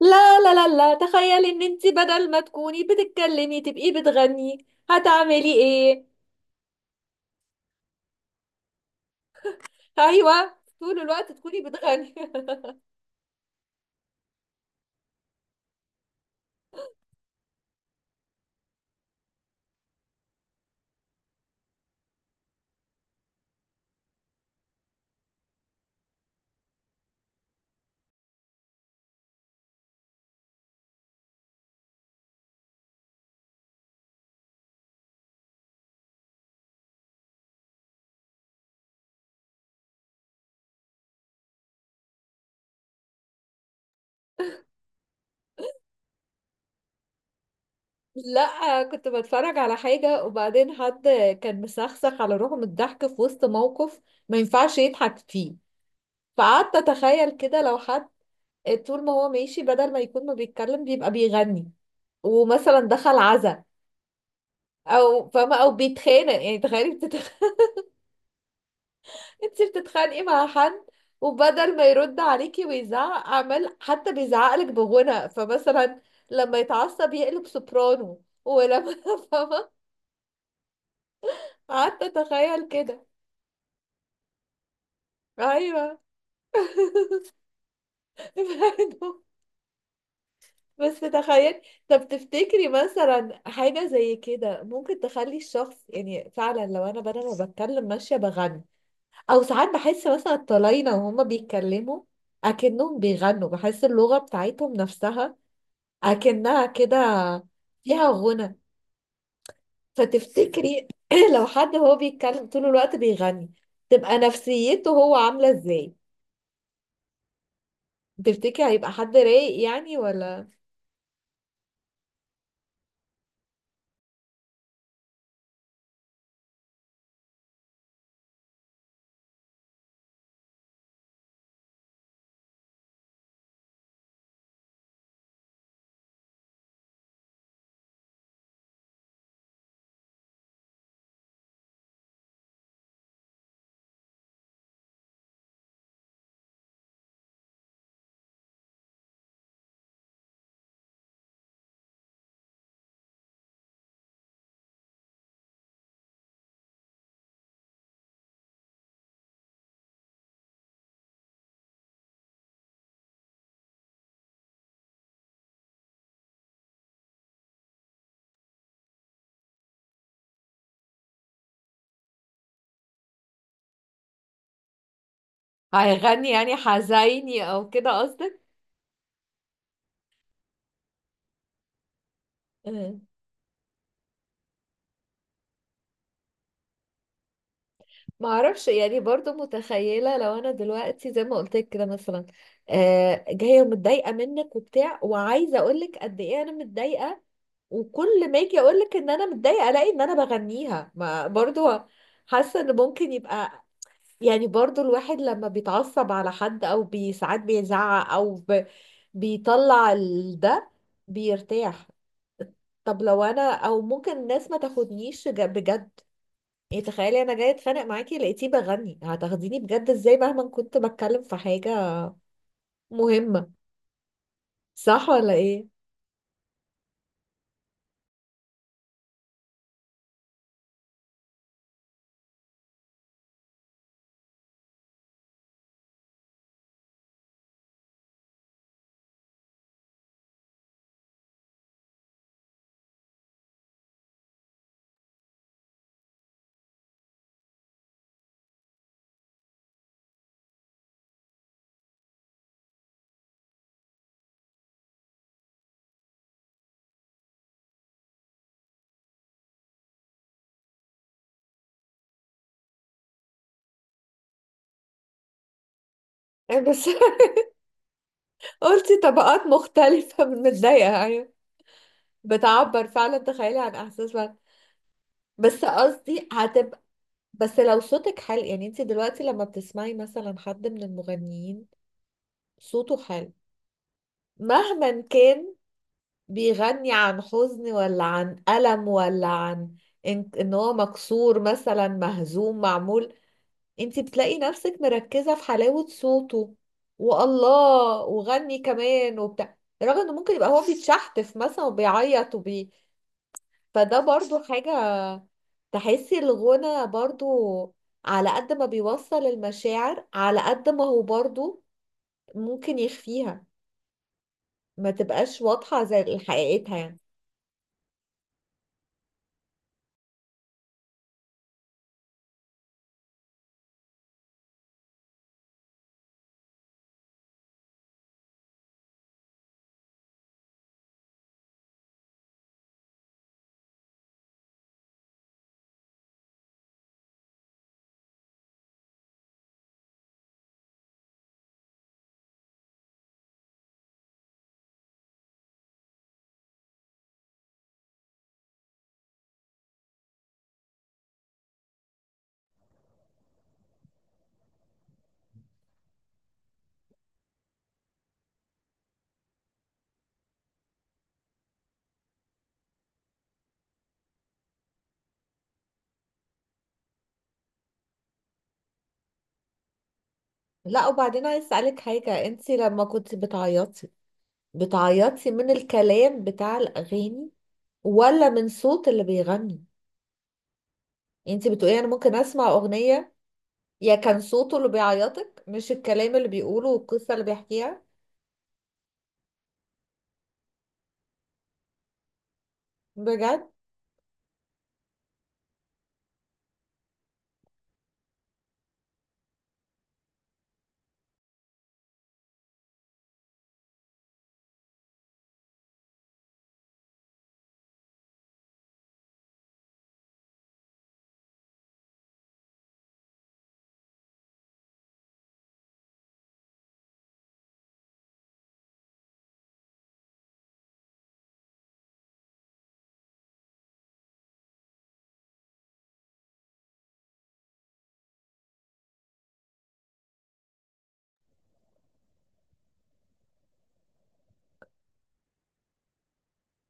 لا لا لا لا، تخيلي ان انت بدل ما تكوني بتتكلمي تبقي بتغني هتعملي ايه؟ ايوه طول الوقت تكوني بتغني. لا، كنت بتفرج على حاجة وبعدين حد كان مسخسخ على روحه من الضحك في وسط موقف ما ينفعش يضحك فيه، فقعدت اتخيل كده لو حد طول ما هو ماشي بدل ما يكون ما بيتكلم بيبقى بيغني، ومثلا دخل عزا او فاهمة او بيتخانق. يعني تخيلي انتي بتتخانقي مع حد وبدل ما يرد عليكي ويزعق عمال حتى بيزعقلك بغنى، فمثلا لما يتعصب يقلب سوبرانو ولما فاهمة. قعدت اتخيل كده. ايوه. فاهمة؟ بس تخيل. طب تفتكري مثلا حاجة زي كده ممكن تخلي الشخص يعني فعلا لو انا بدل ما بتكلم ماشية بغني، او ساعات بحس مثلا الطلاينة وهما بيتكلموا اكنهم بيغنوا، بحس اللغة بتاعتهم نفسها اكنها كده فيها غنى. فتفتكري لو حد هو بيتكلم طول الوقت بيغني تبقى نفسيته هو عاملة ازاي؟ تفتكري هيبقى حد رايق يعني ولا هيغني يعني حزيني او كده قصدك؟ آه. ما اعرفش، يعني برضو متخيلة لو انا دلوقتي زي ما قلت لك كده، مثلا آه جاية متضايقة منك وبتاع وعايزة اقولك قد ايه انا متضايقة، وكل ما اجي اقول لك ان انا متضايقه الاقي ان انا بغنيها. ما برضو حاسه ان ممكن يبقى، يعني برضو الواحد لما بيتعصب على حد او ساعات بيزعق او بيطلع ده بيرتاح. طب لو انا او ممكن الناس ما تاخدنيش بجد، يعني تخيلي انا جايه اتخانق معاكي لقيتيه بغني، هتاخديني بجد ازاي مهما كنت بتكلم في حاجه مهمه؟ صح ولا ايه؟ بس قلتي طبقات مختلفه من متضايقه. أيوة. بتعبر فعلا، تخيلي، عن احساس بقى. بس قصدي هتبقى، بس لو صوتك حلو، يعني انت دلوقتي لما بتسمعي مثلا حد من المغنيين صوته حلو، مهما كان بيغني عن حزن ولا عن ألم ولا عن إن هو مكسور مثلا مهزوم معمول، انت بتلاقي نفسك مركزة في حلاوة صوته والله وغني كمان وبتاع، رغم انه ممكن يبقى هو بيتشحتف مثلا وبيعيط فده برضو حاجة. تحسي الغنى برضو على قد ما بيوصل المشاعر على قد ما هو برضو ممكن يخفيها ما تبقاش واضحة زي حقيقتها، يعني. لا، وبعدين عايز اسألك حاجة، انتي لما كنت بتعيطي، بتعيطي من الكلام بتاع الأغاني ولا من صوت اللي بيغني؟ انتي بتقولي انا ممكن اسمع أغنية، يا كان صوته اللي بيعيطك مش الكلام اللي بيقوله والقصة اللي بيحكيها؟ بجد؟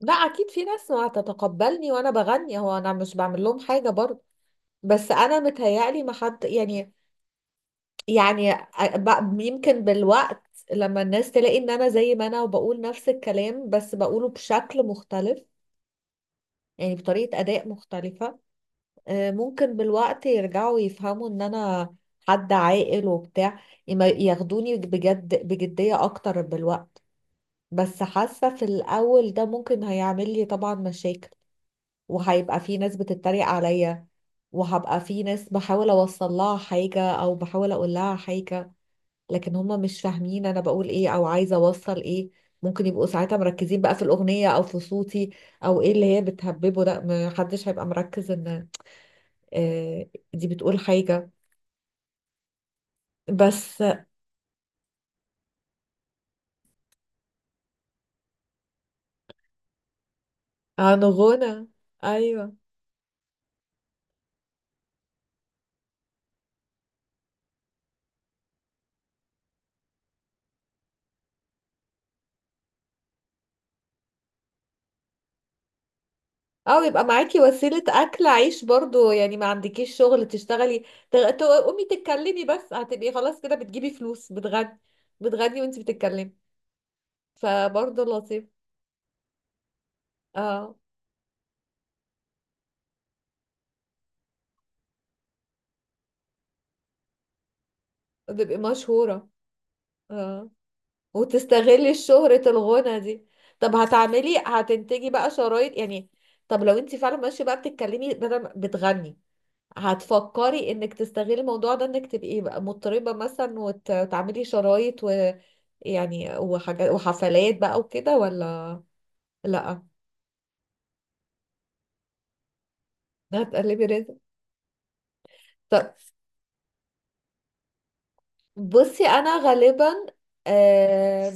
لا اكيد في ناس ما هتتقبلني وانا بغني، هو انا مش بعمل لهم حاجة برضو، بس انا متهيألي ما حد، يعني، يعني يمكن بالوقت لما الناس تلاقي ان انا زي ما انا وبقول نفس الكلام بس بقوله بشكل مختلف، يعني بطريقة اداء مختلفة، آه، ممكن بالوقت يرجعوا يفهموا ان انا حد عاقل وبتاع، ياخدوني بجد بجدية اكتر بالوقت. بس حاسة في الاول ده ممكن هيعمل لي طبعا مشاكل، وهيبقى في ناس بتتريق عليا، وهبقى في ناس بحاول اوصل لها حاجة او بحاول اقول لها حاجة لكن هم مش فاهمين انا بقول ايه او عايزة اوصل ايه. ممكن يبقوا ساعتها مركزين بقى في الأغنية او في صوتي او ايه اللي هي بتهببه ده، محدش هيبقى مركز ان آه، دي بتقول حاجة. بس عن غنى. ايوه. اه يبقى معاكي وسيلة أكل عيش برضو، يعني ما عندكيش شغل تشتغلي، تقومي تتكلمي بس هتبقي خلاص كده بتجيبي فلوس، بتغني، بتغني وانت بتتكلمي. فبرضو لطيف. اه بتبقي مشهورة. اه، وتستغلي شهرة الغنى دي. طب هتنتجي بقى شرايط يعني؟ طب لو انت فعلا ماشية بقى بتتكلمي بدل بتغني، هتفكري انك تستغلي الموضوع ده انك تبقي بقى مضطربة مثلا وتعملي شرايط ويعني وحاجات وحفلات بقى وكده ولا؟ لا. هتقلبي رزق. طب بصي انا غالبا، آه،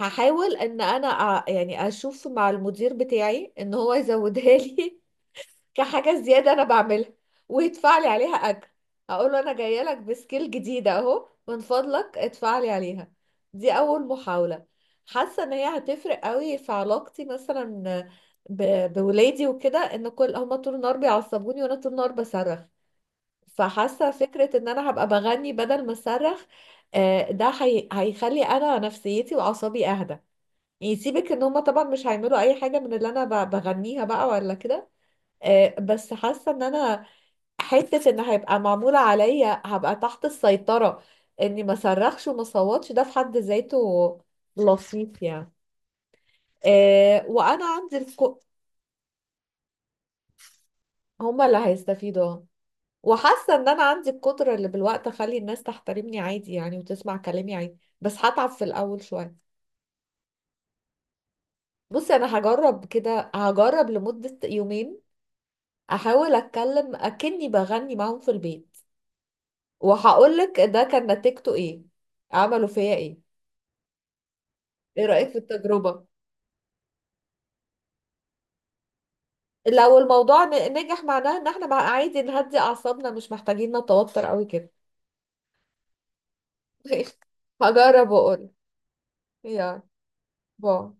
هحاول ان انا يعني اشوف مع المدير بتاعي ان هو يزودها لي كحاجة زيادة أنا بعملها ويدفع لي عليها أجر. أقول له أنا جاية لك بسكيل جديدة أهو، من فضلك ادفع لي عليها. دي أول محاولة. حاسة إن هي هتفرق قوي في علاقتي مثلا ب... بولادي وكده، إن كل هما طول النهار بيعصبوني وأنا طول النهار بصرخ. فحاسة فكرة إن أنا هبقى بغني بدل ما أصرخ، آه، ده هيخلي أنا نفسيتي وأعصابي أهدى. يعني سيبك إن هما طبعا مش هيعملوا أي حاجة من اللي أنا بغنيها بقى ولا كده، آه، بس حاسه ان انا حته ان هيبقى معمول عليا هبقى تحت السيطره، اني ما صرخش وما صوتش، ده في حد ذاته لطيف يعني. آه، هما اللي هيستفيدوا. آه. وحاسه ان انا عندي القدره اللي بالوقت اخلي الناس تحترمني عادي يعني وتسمع كلامي عادي، بس هتعب في الاول شويه. بصي انا هجرب كده، هجرب لمده يومين احاول اتكلم اكني بغني معاهم في البيت، وهقول لك ده كان نتيجته ايه، عملوا فيا ايه. ايه رأيك في التجربة؟ لو الموضوع نجح معناه ان احنا مع عادي نهدي اعصابنا مش محتاجين نتوتر قوي كده. هجرب واقول. يا، باي.